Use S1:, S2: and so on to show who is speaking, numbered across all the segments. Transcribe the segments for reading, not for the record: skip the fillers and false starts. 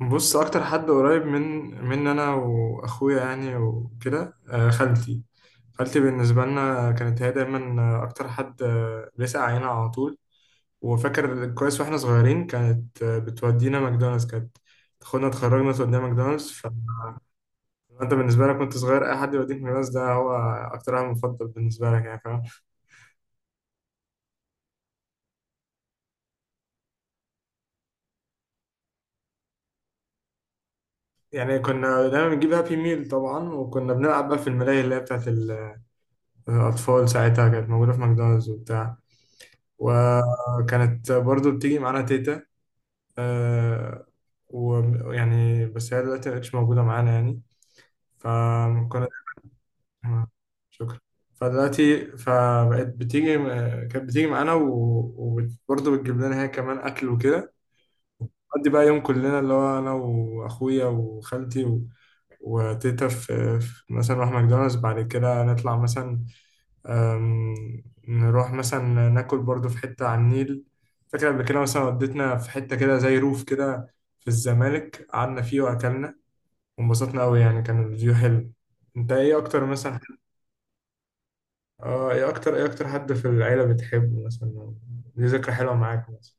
S1: بص اكتر حد قريب من انا واخويا يعني وكده، خالتي. بالنسبه لنا كانت هي دايما اكتر حد بيسأل علينا على طول. وفاكر كويس واحنا صغيرين، كانت بتودينا ماكدونالدز، كانت تاخدنا تخرجنا تودينا ماكدونالدز. فانت بالنسبه لك كنت صغير اي حد يوديك ماكدونالدز ده هو اكتر واحد مفضل بالنسبه لك، يعني فاهم؟ يعني كنا دايما بنجيب هابي ميل طبعا، وكنا بنلعب بقى في الملاهي اللي هي بتاعت الاطفال ساعتها، كانت موجوده في ماكدونالدز وبتاع. وكانت برضو بتيجي معانا تيتا. آه، ويعني بس هي دلوقتي مبقتش موجودة معانا يعني. فكنا. شكرا. فدلوقتي فبقت بتيجي، كانت بتيجي معانا وبرضه بتجيب لنا هي كمان أكل وكده. نقضي بقى يوم كلنا، اللي هو أنا وأخويا وخالتي وتيتا في، مثلا نروح ماكدونالدز بعد كده نطلع مثلا، أم، نروح مثلا ناكل برضو في حتة على النيل. فاكر قبل كده مثلا وديتنا في حتة كده زي روف كده في الزمالك، قعدنا فيه وأكلنا وانبسطنا أوي، يعني كان الفيو حلو. أنت إيه أكتر مثلا؟ آه، إيه أكتر، إيه أكتر حد في العيلة بتحبه مثلا، دي ذكرى حلوة معاك مثلا؟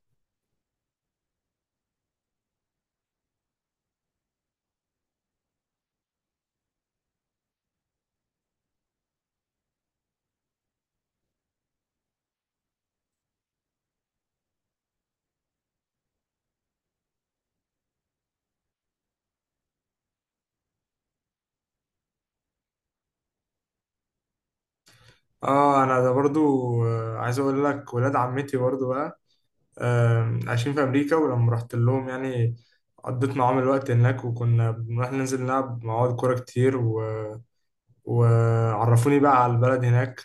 S1: آه أنا ده برضو، عايز أقول لك ولاد عمتي برضو بقى، عايشين في أمريكا. ولما رحت لهم يعني، قضيت معاهم الوقت هناك، وكنا بنروح ننزل نلعب مع بعض كورة كتير، و وعرفوني بقى على البلد هناك،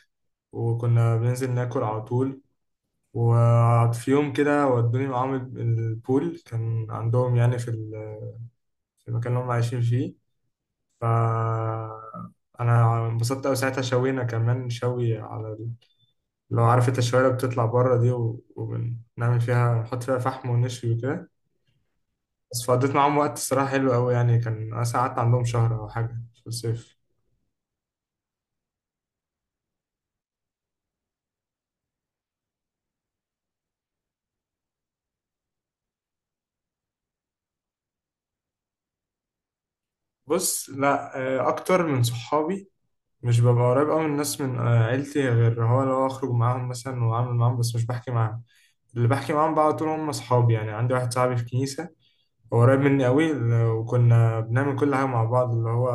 S1: وكنا بننزل ناكل على طول. وفي يوم كده ودوني معاهم البول كان عندهم يعني في في المكان اللي هم عايشين فيه. ف انا انبسطت قوي ساعتها. شوينا كمان شوي على لو عارف انت الشوايه اللي بتطلع بره دي، وبنعمل فيها، نحط فيها فحم ونشوي وكده. بس فقضيت معاهم وقت الصراحه حلو قوي يعني، كان انا قعدت عندهم شهر او حاجه في الصيف. بص لا، اكتر من صحابي. مش ببقى قريب أوي من الناس من عيلتي، غير هو لو أخرج معاهم مثلا وأعمل معاهم، بس مش بحكي معاهم. اللي بحكي معاهم بقى على طول هم أصحابي. يعني عندي واحد صاحبي في كنيسة، هو قريب مني أوي، وكنا بنعمل كل حاجة مع بعض، اللي هو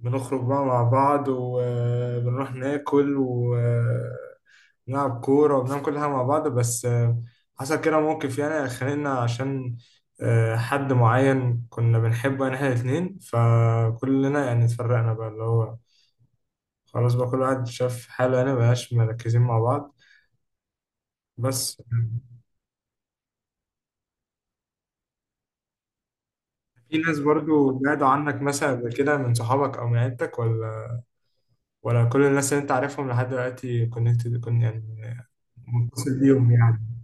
S1: بنخرج بقى مع بعض وبنروح ناكل ونلعب كورة وبنعمل كل حاجة مع بعض. بس حصل كده موقف يعني خانقنا، عشان حد معين كنا بنحبه يعني احنا الاتنين، فكلنا يعني اتفرقنا بقى، اللي هو خلاص بقى كل واحد شاف حاله، يعني مبقاش مركزين مع بعض. بس في ناس برضو بعدوا عنك مثلا قبل كده من صحابك او من عيلتك، ولا ولا كل الناس اللي انت عارفهم لحد دلوقتي كونكتد كن يعني، متصل بيهم يعني؟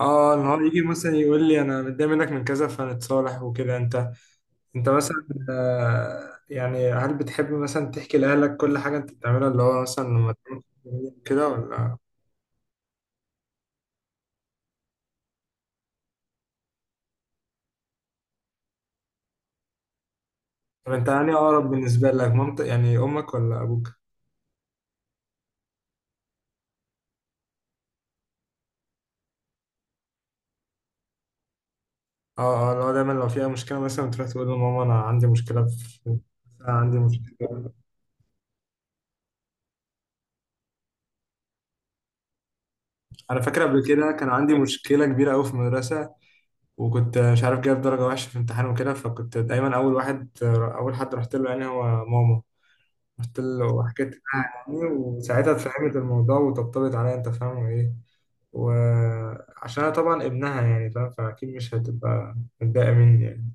S1: اه، ان هو يجي مثلا يقول لي انا متضايق منك من كذا فنتصالح وكده. انت انت مثلا يعني، هل بتحب مثلا تحكي لاهلك كل حاجه انت بتعملها، اللي هو مثلا لما تعمل كده، ولا؟ طب انت يعني اقرب بالنسبه لك مامتك يعني امك ولا ابوك؟ اه اه، لو دايما لو فيها مشكلة مثلا تروح تقول لماما أنا عندي مشكلة في، أنا عندي مشكلة. أنا فاكر قبل كده كان عندي مشكلة كبيرة أوي في المدرسة، وكنت مش عارف، جايب درجة وحشة في امتحان وكده. فكنت دايما أول واحد، أول حد رحت له يعني هو ماما. رحت له وحكيت لها يعني، وساعتها اتفهمت الموضوع وطبطبت عليا. أنت فاهم إيه؟ وعشان أنا طبعا ابنها يعني فاهم، فأكيد مش هتبقى متضايقة مني يعني.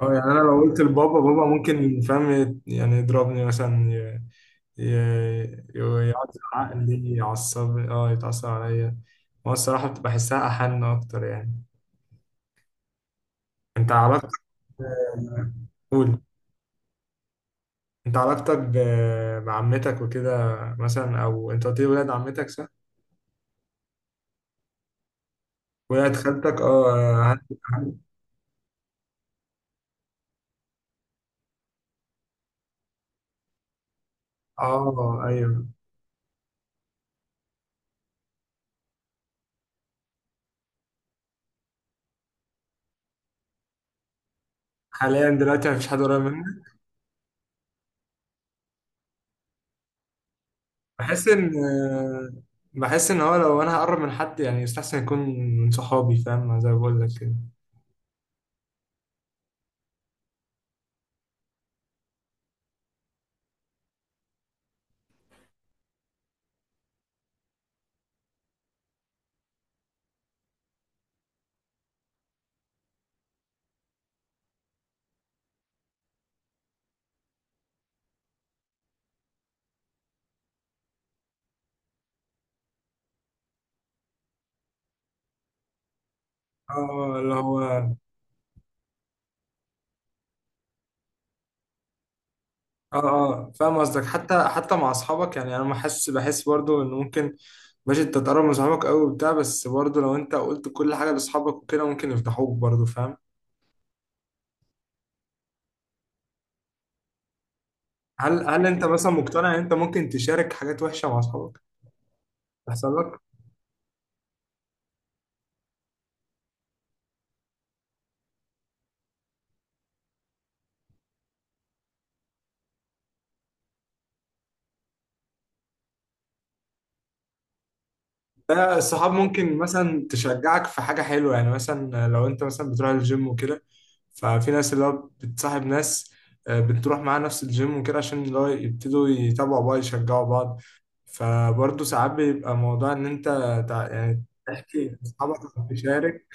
S1: اه يعني أنا لو قلت لبابا، بابا ممكن فاهم يعني يضربني مثلا، يقعد عقلي يعصب، اه يتعصب عليا. هو الصراحة بتبقى بحسها أحن أكتر يعني. أنت علاقتك. قول. أنت علاقتك بعمتك وكده مثلا، أو أنت قلت لي ولاد عمتك، صح؟ ولاد خالتك، اه اه أيوه. حاليا دلوقتي مفيش حد قريب مني. بحس إن، بحس إن هو لو أنا هقرب من حد يعني، يستحسن يكون من صحابي، فاهم؟ زي ما بقول لك كده. اه، اللي هو اه اه فاهم قصدك. حتى حتى مع اصحابك يعني، انا بحس برضو ان ممكن ماشي انت تقرب من صحابك قوي وبتاع، بس برضو لو انت قلت كل حاجه لاصحابك وكده ممكن يفضحوك برضو، فاهم؟ هل انت مثلا مقتنع ان انت ممكن تشارك حاجات وحشه مع اصحابك، تحصل؟ ده الصحاب ممكن مثلا تشجعك في حاجة حلوة يعني، مثلا لو انت مثلا بتروح الجيم وكده. ففي ناس اللي هو بتصاحب ناس بتروح معاها نفس الجيم وكده، عشان اللي هو يبتدوا يتابعوا بعض يشجعوا بعض. فبرضه ساعات بيبقى موضوع ان انت يعني تحكي اصحابك تشارك.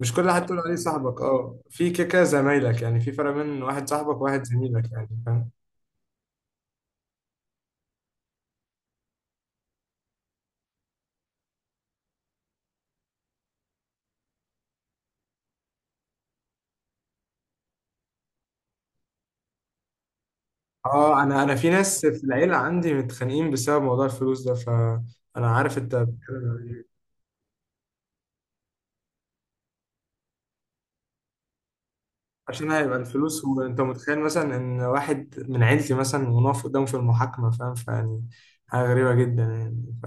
S1: مش كل حد تقول عليه صاحبك، اه في كيكة زمايلك يعني، في فرق بين واحد صاحبك وواحد زميلك يعني، فاهم؟ اه انا في ناس في العيلة عندي متخانقين بسبب موضوع الفلوس ده، فانا عارف انت بتتكلم عن إيه. عشان هيبقى الفلوس، وانت متخيل مثلا ان واحد من عيلتي مثلا ونقف قدامه في المحاكمة، فاهم؟ فيعني حاجة غريبة جدا يعني ف...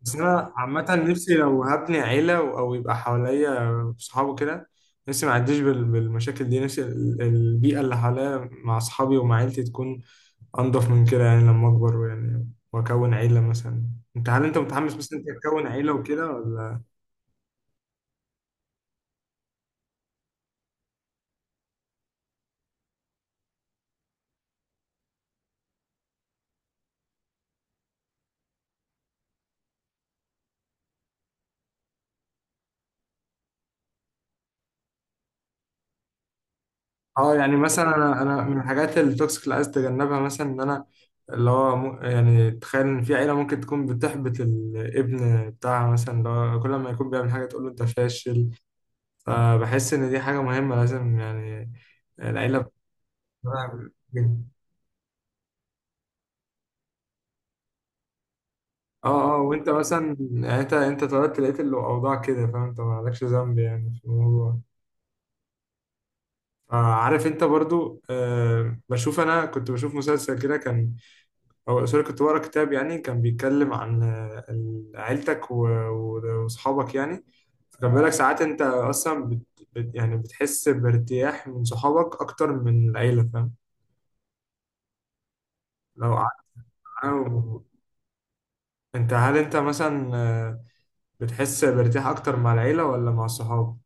S1: بس انا عامة نفسي لو هبني عيلة او يبقى حواليا صحابه كده، نفسي ما اعديش بال... بالمشاكل دي. نفسي البيئة اللي حواليا مع اصحابي ومع عيلتي تكون انضف من كده يعني، لما اكبر يعني واكون عيلة مثلا. انت هل انت متحمس مثلا انت تكون عيلة وكده، ولا؟ اه يعني مثلا انا من الحاجات التوكسيك اللي عايز اتجنبها مثلا، ان انا اللي هو يعني تخيل ان في عيله ممكن تكون بتحبط الابن بتاعها مثلا، اللي هو كل ما يكون بيعمل حاجه تقول له انت فاشل. فبحس ان دي حاجه مهمه لازم يعني العيله بتبقى-. اه اه، وانت مثلا يعني انت اتولدت لقيت الاوضاع كده، فاهم؟ انت مالكش ذنب يعني في الموضوع. عارف انت برضو، بشوف، انا كنت بشوف مسلسل كده كان، هو سوري كنت بقرا كتاب يعني، كان بيتكلم عن عيلتك وصحابك يعني. فكان بيقول لك ساعات انت اصلا بت يعني بتحس بارتياح من صحابك اكتر من العيله، فاهم؟ لو قعدت معاهم. انت هل انت مثلا بتحس بارتياح اكتر مع العيله ولا مع الصحاب؟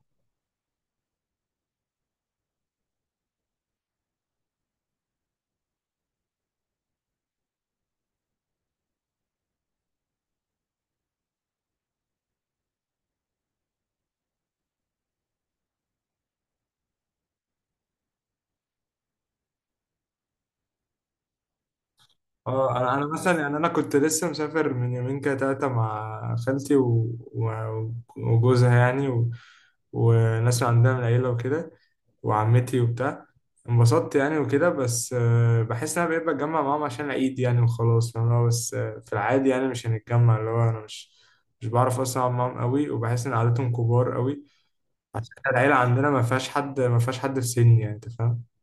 S1: اه انا مثلا يعني، انا كنت لسه مسافر من يومين كده تلاته مع خالتي وجوزها يعني، و- وناس عندها من العيله وكده وعمتي وبتاع. انبسطت يعني وكده. بس بحس ان انا بقيت بتجمع معاهم عشان العيد يعني وخلاص، فاهم؟ اللي هو بس في العادي يعني مش هنتجمع، اللي هو انا مش بعرف اصلا اقعد معاهم قوي، وبحس ان عادتهم كبار قوي، عشان العيله عندنا ما فيهاش حد، ما فيهاش حد في سني يعني، انت فاهم؟